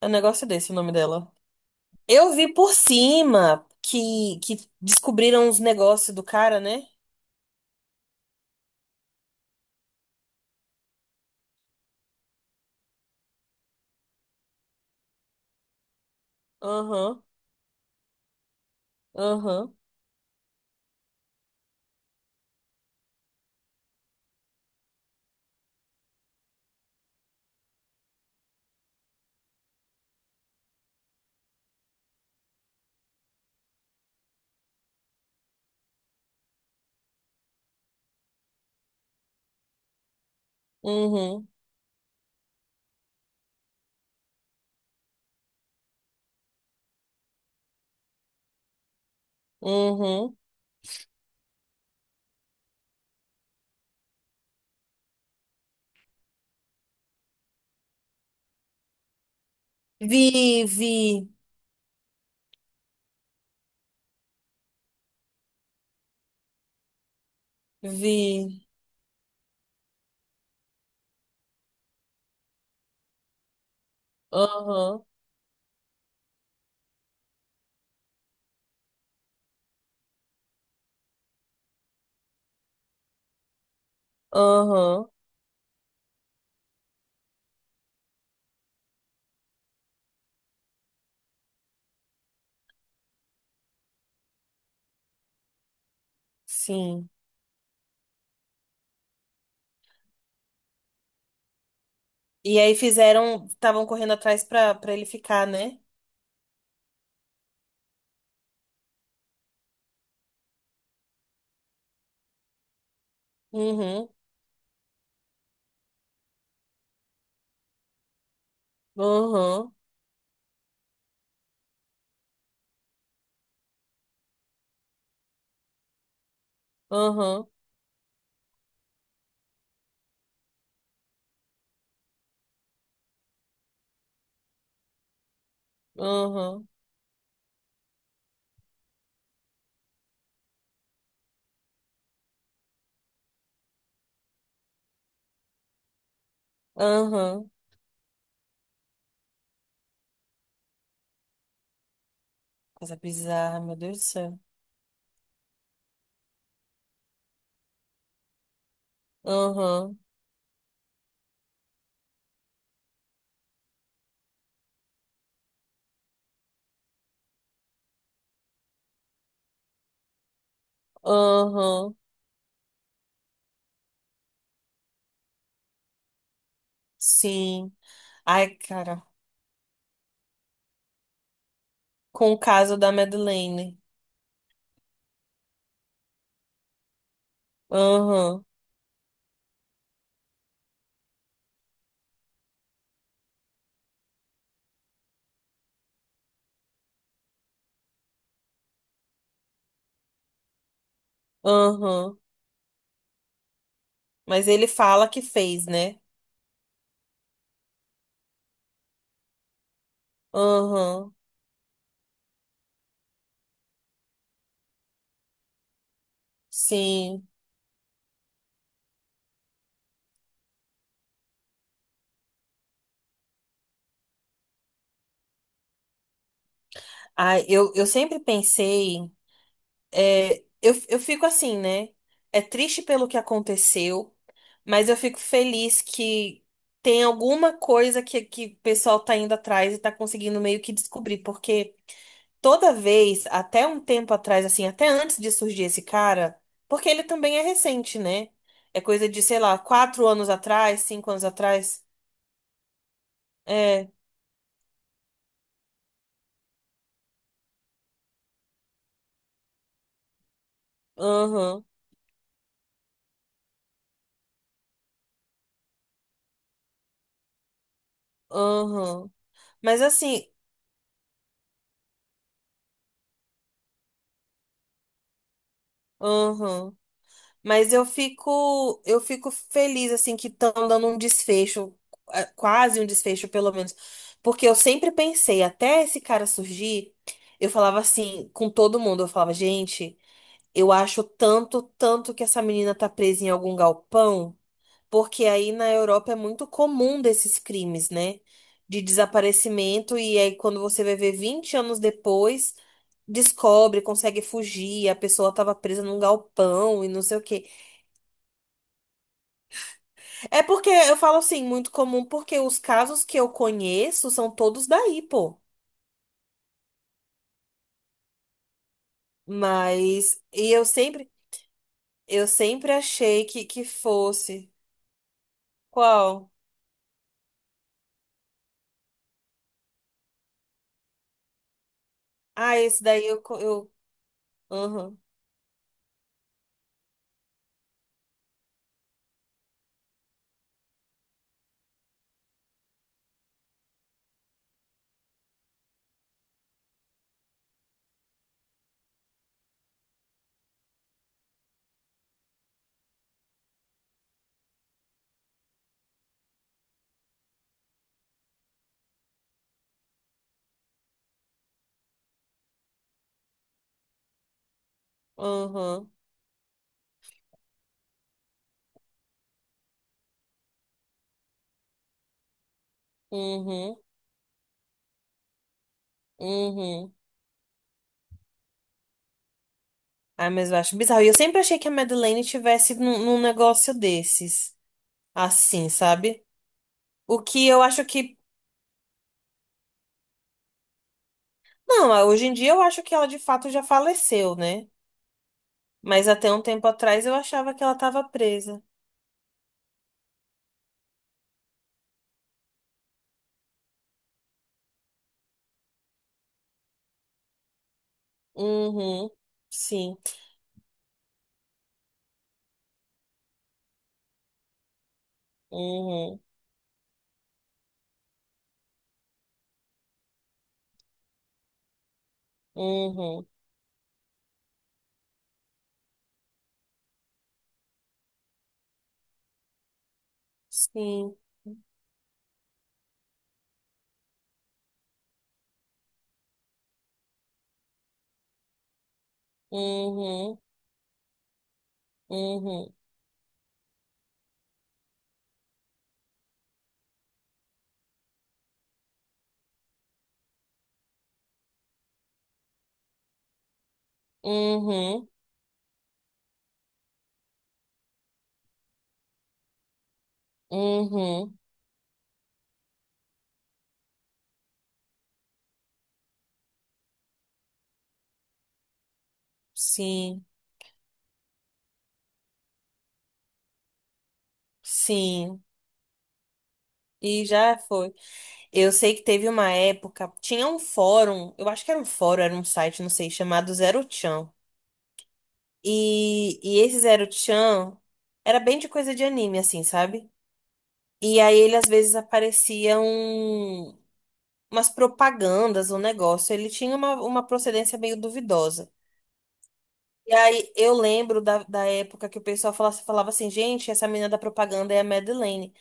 É um negócio desse o nome dela. Eu vi por cima que descobriram os negócios do cara, né? Aham, aham, uhum, uhum. Vi, vi, vi. Aham, aham, sim. E aí fizeram, estavam correndo atrás pra ele ficar, né? Uhum, aham, aham, aham, aham. Coisa bizarra, meu Deus do céu. Aham, aham, sim. Ai, cara. Com o caso da Madeleine. Aham, aham. Mas ele fala que fez, né? Aham, sim. Ah, eu sempre pensei, é, eu fico assim, né? É triste pelo que aconteceu, mas eu fico feliz que tem alguma coisa que o pessoal tá indo atrás e tá conseguindo meio que descobrir, porque toda vez, até um tempo atrás, assim, até antes de surgir esse cara, porque ele também é recente, né? É coisa de, sei lá, quatro anos atrás, cinco anos atrás. É, aham, aham. Mas assim, aham. Mas eu fico feliz assim que estão dando um desfecho, quase um desfecho pelo menos, porque eu sempre pensei, até esse cara surgir, eu falava assim com todo mundo, eu falava, gente, eu acho tanto, tanto que essa menina tá presa em algum galpão, porque aí na Europa é muito comum desses crimes, né? De desaparecimento e aí quando você vai ver 20 anos depois, descobre, consegue fugir, a pessoa tava presa num galpão e não sei o quê. É porque eu falo assim, muito comum, porque os casos que eu conheço são todos daí, pô. Mas, e eu sempre achei que fosse. Qual? Ah, esse daí eu, aham, aham, uhum, uhum. Ah, mas eu acho bizarro. E eu sempre achei que a Madeleine tivesse num negócio desses, assim, sabe? O que eu acho que, não, hoje em dia eu acho que ela de fato já faleceu, né? Mas até um tempo atrás eu achava que ela tava presa. Uhum. Sim. Uhum. Uhum. Sim. Uhum. Uhum. Uhum. Uhum. Sim. Sim. E já foi. Eu sei que teve uma época, tinha um fórum, eu acho que era um fórum, era um site, não sei, chamado Zero Chan. E esse Zero Chan era bem de coisa de anime, assim, sabe? E aí ele às vezes aparecia umas propagandas, um negócio. Ele tinha uma procedência meio duvidosa. E aí eu lembro da época que o pessoal falava, falava assim, gente, essa menina da propaganda é a Madeleine.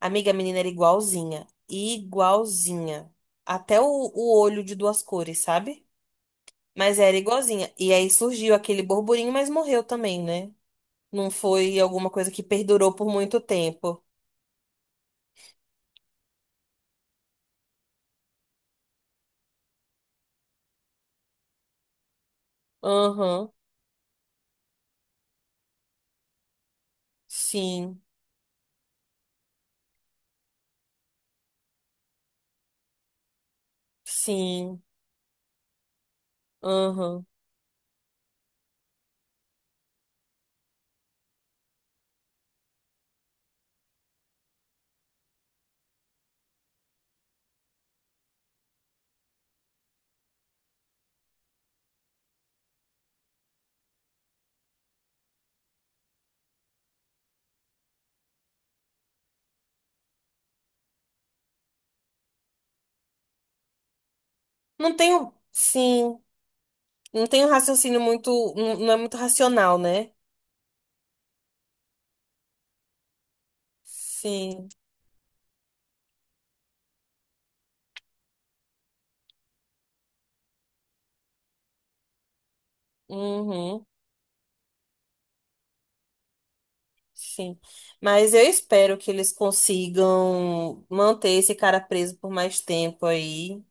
Amiga, a menina era igualzinha. Igualzinha. Até o olho de duas cores, sabe? Mas era igualzinha. E aí surgiu aquele burburinho, mas morreu também, né? Não foi alguma coisa que perdurou por muito tempo. Aham. Sim. Sim. Aham. Não tenho. Sim. Não tenho raciocínio muito. Não, não é muito racional, né? Sim. Uhum. Sim, mas eu espero que eles consigam manter esse cara preso por mais tempo aí.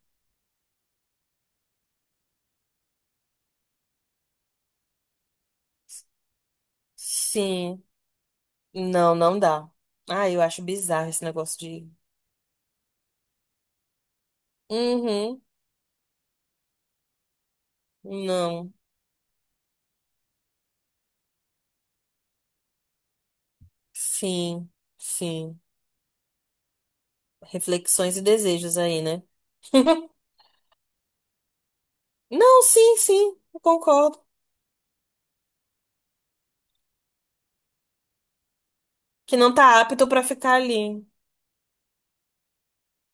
Sim, não, não dá. Ah, eu acho bizarro esse negócio de. Uhum, não, sim, sim. Reflexões e desejos aí, né? Não, sim, sim, eu concordo. Que não tá apto pra ficar ali.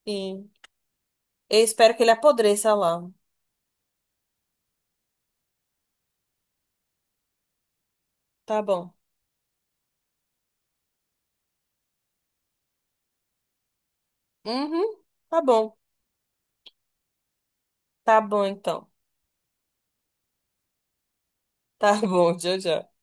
Sim. Eu espero que ele apodreça lá. Tá bom. Uhum, tá bom. Tá bom, então. Tá bom, tchau, tchau.